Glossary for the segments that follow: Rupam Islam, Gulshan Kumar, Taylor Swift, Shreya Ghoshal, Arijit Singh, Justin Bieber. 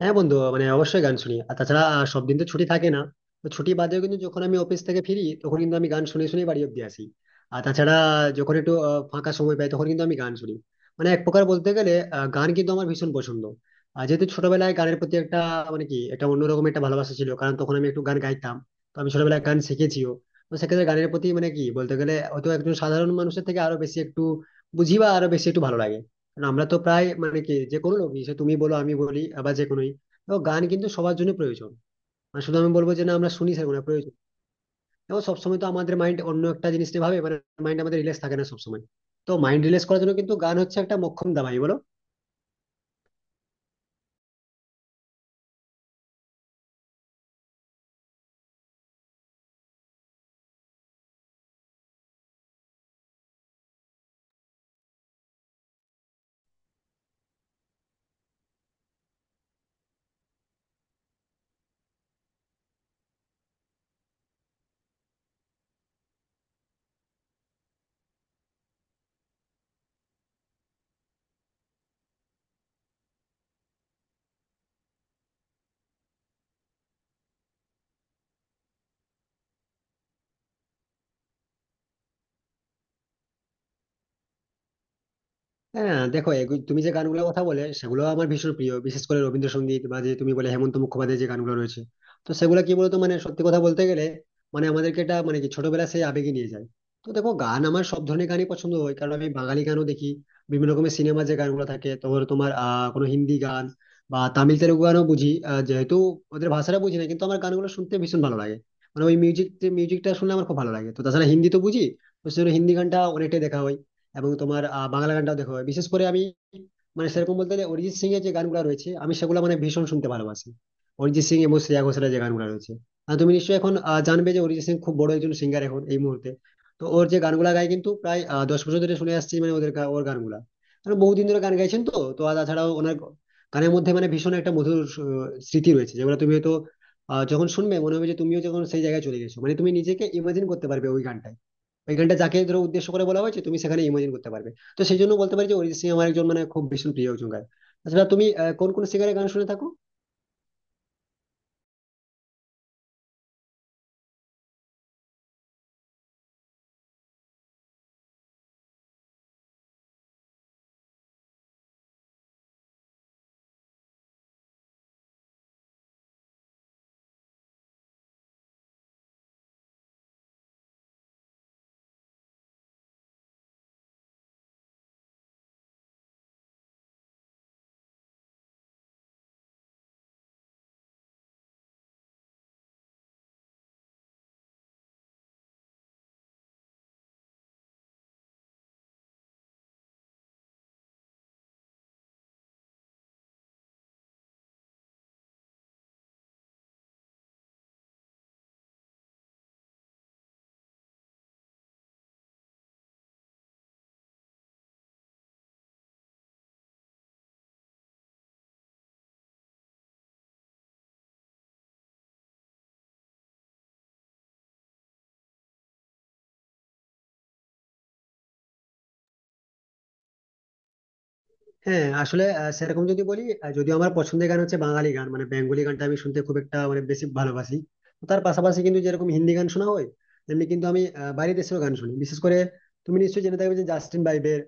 হ্যাঁ বন্ধু, মানে অবশ্যই গান শুনি। আর তাছাড়া সব দিন তো ছুটি থাকে না। তো ছুটি বাদেও কিন্তু যখন আমি অফিস থেকে ফিরি, তখন কিন্তু আমি গান শুনে শুনে বাড়ি অব্দি আসি। আর তাছাড়া যখন একটু ফাঁকা সময় পাই, তখন কিন্তু আমি গান শুনি। মানে এক প্রকার বলতে গেলে গান কিন্তু আমার ভীষণ পছন্দ। আর যেহেতু ছোটবেলায় গানের প্রতি একটা, মানে কি, একটা অন্যরকম একটা ভালোবাসা ছিল, কারণ তখন আমি একটু গান গাইতাম। তো আমি ছোটবেলায় গান শিখেছিও। তো সেক্ষেত্রে গানের প্রতি, মানে কি বলতে গেলে, হয়তো একজন সাধারণ মানুষের থেকে আরো বেশি একটু বুঝি বা আরো বেশি একটু ভালো লাগে। কারণ আমরা তো প্রায়, মানে কি, যে কোনো লোকই, সে তুমি বলো, আমি বলি, আবার যে কোনোই। তো গান কিন্তু সবার জন্য প্রয়োজন। মানে শুধু আমি বলবো যে না, আমরা শুনি সেরকম না, প্রয়োজন। এবং সবসময় তো আমাদের মাইন্ড অন্য একটা জিনিস নিয়ে ভাবে, মানে মাইন্ড আমাদের রিল্যাক্স থাকে না সবসময়। তো মাইন্ড রিল্যাক্স করার জন্য কিন্তু গান হচ্ছে একটা মোক্ষম দাওয়াই, বলো। হ্যাঁ, দেখো, তুমি যে গানগুলোর কথা বলে সেগুলো আমার ভীষণ প্রিয়, বিশেষ করে রবীন্দ্রসঙ্গীত বা যে তুমি বলে হেমন্ত মুখোপাধ্যায়ের যে গানগুলো রয়েছে। তো সেগুলো কি বলতো, মানে সত্যি কথা বলতে গেলে, মানে আমাদেরকে এটা, মানে কি, ছোটবেলা সেই আবেগে নিয়ে যায়। তো দেখো, গান আমার সব ধরনের গানই পছন্দ হয়, কারণ আমি বাঙালি গানও দেখি। বিভিন্ন রকমের সিনেমা যে গানগুলো থাকে, তোমার তোমার কোনো হিন্দি গান বা তামিল তেলুগু গানও বুঝি, যেহেতু ওদের ভাষাটা বুঝি না কিন্তু আমার গানগুলো শুনতে ভীষণ ভালো লাগে। মানে ওই মিউজিকটা শুনলে আমার খুব ভালো লাগে। তো তাছাড়া হিন্দি তো বুঝি, তো সেজন্য হিন্দি গানটা অনেকটাই দেখা হয়। এবং তোমার বাংলা গানটাও দেখো। বিশেষ করে আমি, মানে সেরকম বলতে গেলে, অরিজিৎ সিং এর যে গানগুলো রয়েছে আমি সেগুলো মানে ভীষণ শুনতে ভালোবাসি। অরিজিৎ সিং এবং শ্রেয়া ঘোষালের যে গানগুলো রয়েছে। আর তুমি নিশ্চয়ই এখন জানবে যে অরিজিৎ সিং খুব বড় একজন সিঙ্গার এখন এই মুহূর্তে। তো ওর যে গানগুলা গায় কিন্তু প্রায় 10 বছর ধরে শুনে আসছি, মানে ওর গানগুলা। কারণ বহুদিন ধরে গান গাইছেন। তো তো আর তাছাড়াও ওনার গানের মধ্যে মানে ভীষণ একটা মধুর স্মৃতি রয়েছে, যেগুলো তুমি হয়তো যখন শুনবে মনে হবে যে তুমিও যখন সেই জায়গায় চলে গেছো, মানে তুমি নিজেকে ইমাজিন করতে পারবে ওই গানটা। ওই গানটা যাকে ধরো উদ্দেশ্য করে বলা হয়েছে তুমি সেখানে ইমাজিন করতে পারবে। তো সেই জন্য বলতে পারি যে অরিজিৎ সিং আমার একজন, মানে খুব ভীষণ প্রিয় একজন গায়ক। আচ্ছা, তুমি কোন কোন সিঙ্গারের গান শুনে থাকো? হ্যাঁ, আসলে সেরকম যদি বলি, যদিও আমার পছন্দের গান হচ্ছে বাঙালি গান, মানে বেঙ্গলি গানটা আমি শুনতে খুব একটা মানে বেশি ভালোবাসি। তো তার পাশাপাশি কিন্তু যেরকম হিন্দি গান শোনা হয়, তেমনি কিন্তু আমি বাইরের দেশেও গান শুনি। বিশেষ করে তুমি নিশ্চয়ই জেনে থাকবে যে জাস্টিন বাইবের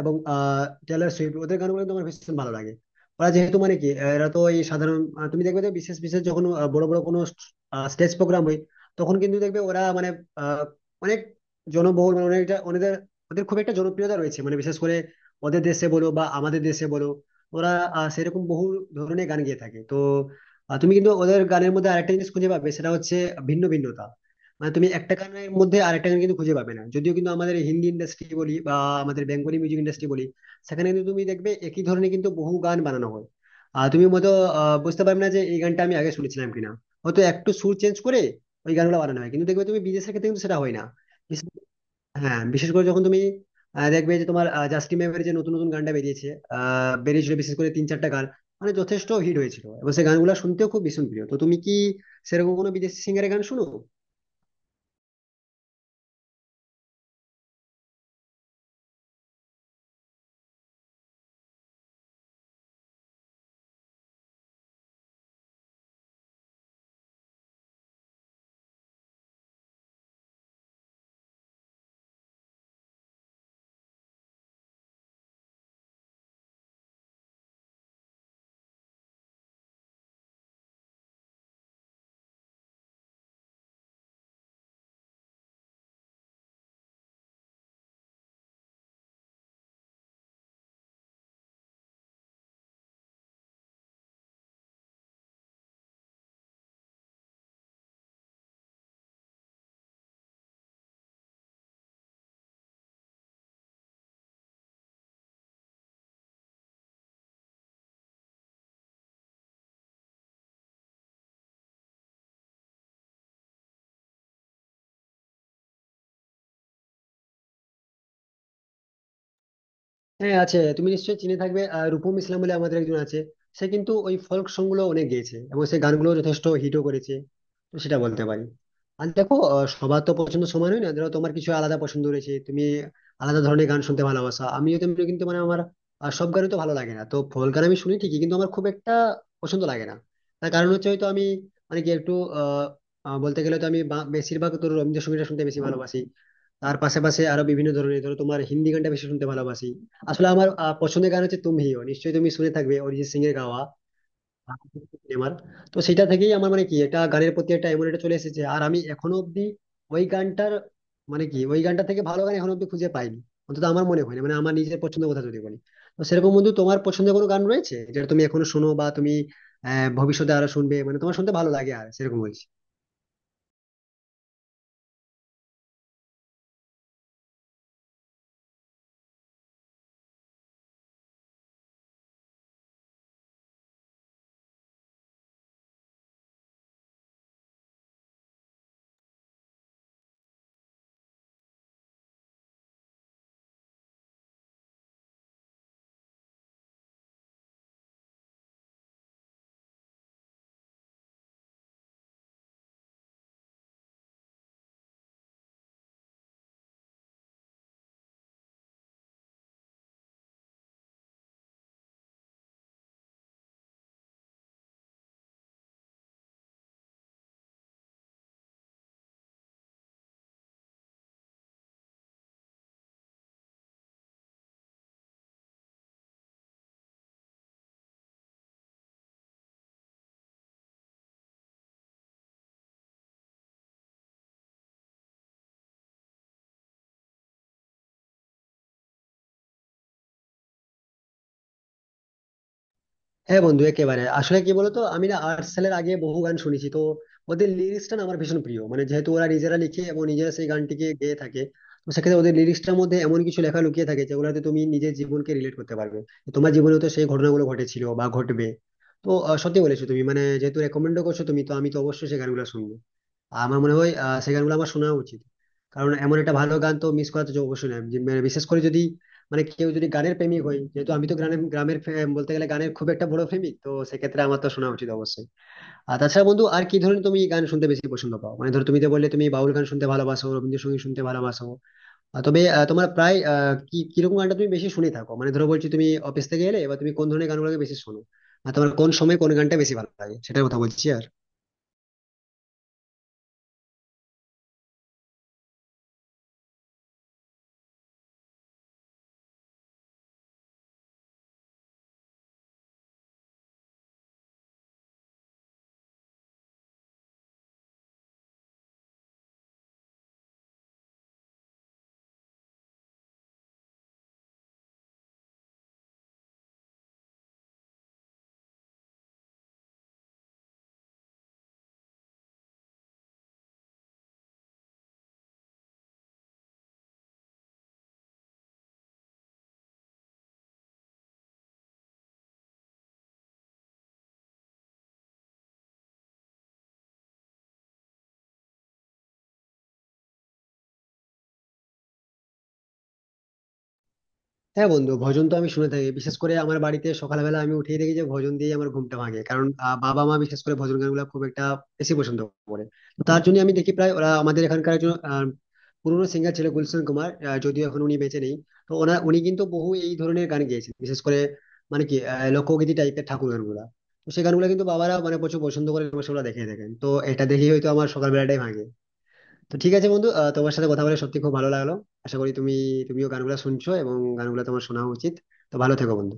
এবং টেলর সুইফট, ওদের গানগুলো তো আমার ভীষণ ভালো লাগে। ওরা যেহেতু, মানে কি, এরা তো এই সাধারণ, তুমি দেখবে যে বিশেষ বিশেষ যখন বড় বড় কোনো স্টেজ প্রোগ্রাম হয়, তখন কিন্তু দেখবে ওরা মানে আহ, অনেক জনবহুল, মানে অনেকটা ওদের ওদের খুব একটা জনপ্রিয়তা রয়েছে, মানে বিশেষ করে ওদের দেশে বলো বা আমাদের দেশে বলো, ওরা সেরকম বহু ধরনের গান গেয়ে থাকে। তো তুমি কিন্তু ওদের গানের মধ্যে আরেকটা জিনিস খুঁজে পাবে, সেটা হচ্ছে ভিন্ন ভিন্নতা। মানে তুমি একটা গানের মধ্যে আরেকটা গান কিন্তু খুঁজে পাবে না, যদিও কিন্তু আমাদের হিন্দি ইন্ডাস্ট্রি বলি বা আমাদের বেঙ্গলি মিউজিক ইন্ডাস্ট্রি বলি, সেখানে কিন্তু তুমি দেখবে একই ধরনের কিন্তু বহু গান বানানো হয়। আর তুমি মতো বুঝতে পারবে না যে এই গানটা আমি আগে শুনেছিলাম কিনা। হয়তো একটু সুর চেঞ্জ করে ওই গানগুলো বানানো হয়, কিন্তু দেখবে তুমি বিদেশের ক্ষেত্রে কিন্তু সেটা হয় না। হ্যাঁ, বিশেষ করে যখন তুমি দেখবে যে তোমার জাস্টিন বিবারের যে নতুন নতুন গানটা বেরিয়েছে, বেরিয়েছিল বিশেষ করে তিন চারটা গান, মানে যথেষ্ট হিট হয়েছিল এবং সেই গানগুলো শুনতেও খুব ভীষণ প্রিয়। তো তুমি কি সেরকম কোনো বিদেশি সিঙ্গারের গান শুনো? হ্যাঁ আছে, তুমি নিশ্চয়ই চিনে থাকবে, রূপম ইসলাম বলে আমাদের একজন আছে। সে কিন্তু ওই ফোক সং গুলো অনেক গেয়েছে এবং সে গানগুলো যথেষ্ট হিটও করেছে। তো সেটা বলতে পারি। আর দেখো, সবার তো পছন্দ সমান হয় না। ধরো তোমার কিছু আলাদা পছন্দ রয়েছে, তুমি আলাদা ধরনের গান শুনতে ভালোবাসো, আমিও তেমনি। কিন্তু মানে আমার সব গানই তো ভালো লাগে না। তো ফোক গান আমি শুনি ঠিকই কিন্তু আমার খুব একটা পছন্দ লাগে না। তার কারণ হচ্ছে হয়তো আমি, মানে কি, একটু আহ আহ, বলতে গেলে তো আমি বেশিরভাগ তো রবীন্দ্রসঙ্গীতটা শুনতে বেশি ভালোবাসি। তার পাশাপাশি আরো বিভিন্ন ধরনের, ধরো তোমার হিন্দি গানটা বেশি শুনতে ভালোবাসি। আসলে আমার পছন্দের গান হচ্ছে, তুমি হিও নিশ্চয়ই তুমি শুনে থাকবে অরিজিৎ সিং এর গাওয়া আমার। তো সেটা থেকেই আমার, মানে কি, একটা গানের প্রতি একটা এমন একটা চলে এসেছে। আর আমি এখনো অব্দি ওই গানটার, মানে কি, ওই গানটা থেকে ভালো গান এখনো অব্দি খুঁজে পাইনি। অন্তত আমার মনে হয় না, মানে আমার নিজের পছন্দের কথা যদি বলি। তো সেরকম বন্ধু, তোমার পছন্দের কোনো গান রয়েছে যেটা তুমি এখনো শোনো বা তুমি ভবিষ্যতে আরো শুনবে, মানে তোমার শুনতে ভালো লাগে আর সেরকম বলছি? হ্যাঁ বন্ধু, একেবারে। আসলে কি বলতো, আমি না আর্টসেলের আগে বহু গান শুনেছি। তো ওদের লিরিক্সটা না আমার ভীষণ প্রিয়, মানে যেহেতু ওরা নিজেরা লিখে এবং নিজেরা সেই গানটিকে গেয়ে থাকে। তো সেক্ষেত্রে ওদের লিরিক্সটার মধ্যে এমন কিছু লেখা লুকিয়ে থাকে যেগুলোতে তুমি নিজের জীবনকে রিলেট করতে পারবে। তোমার জীবনে তো সেই ঘটনাগুলো ঘটেছিল বা ঘটবে। তো সত্যি বলেছো তুমি, মানে যেহেতু রেকমেন্ডও করছো তুমি, তো আমি তো অবশ্যই সেই গানগুলো শুনবো। আর আমার মনে হয় সেই গানগুলো আমার শোনা উচিত। কারণ এমন একটা ভালো গান তো মিস করা তো অবশ্যই না, মানে বিশেষ করে যদি, মানে কেউ যদি গানের প্রেমিক হয়। যেহেতু আমি তো গ্রামের গ্রামের বলতে গেলে গানের খুব একটা বড় প্রেমিক, তো সেক্ষেত্রে আমার তো শোনা উচিত অবশ্যই। আর তাছাড়া বন্ধু, আর কি ধরনের তুমি গান শুনতে বেশি পছন্দ পাও? মানে ধরো তুমি তো বললে তুমি বাউল গান শুনতে ভালোবাসো, রবীন্দ্রসঙ্গীত শুনতে ভালোবাসো। তবে তোমার প্রায় কি কিরকম গানটা তুমি বেশি শুনে থাকো? মানে ধরো বলছি, তুমি অফিস থেকে এলে বা তুমি কোন ধরনের গানগুলোকে বেশি শোনো? আর তোমার কোন সময় কোন গানটা বেশি ভালো লাগে, সেটার কথা বলছি। হ্যাঁ বন্ধু, ভজন তো আমি শুনে থাকি। বিশেষ করে আমার বাড়িতে সকালবেলা আমি উঠেই দেখি যে ভজন দিয়ে আমার ঘুমটা ভাঙে, কারণ বাবা মা বিশেষ করে ভজন গানগুলো খুব একটা বেশি পছন্দ করে। তো তার জন্য আমি দেখি, প্রায় ওরা আমাদের এখানকার একজন পুরনো সিঙ্গার ছিল গুলশান কুমার, যদিও এখন উনি বেঁচে নেই। তো ওনার, উনি কিন্তু বহু এই ধরনের গান গেয়েছেন, বিশেষ করে, মানে কি, লোকগীতি টাইপের ঠাকুর গানগুলা। তো সেই গানগুলো কিন্তু বাবারা মানে প্রচুর পছন্দ করে এবং সেগুলো দেখে দেখেন, তো এটা দেখেই হয়তো আমার সকালবেলাটাই ভাঙে। তো ঠিক আছে বন্ধু, তোমার সাথে কথা বলে সত্যি খুব ভালো লাগলো। আশা করি তুমিও গানগুলো শুনছো এবং গানগুলো তোমার শোনা উচিত। তো ভালো থেকো বন্ধু।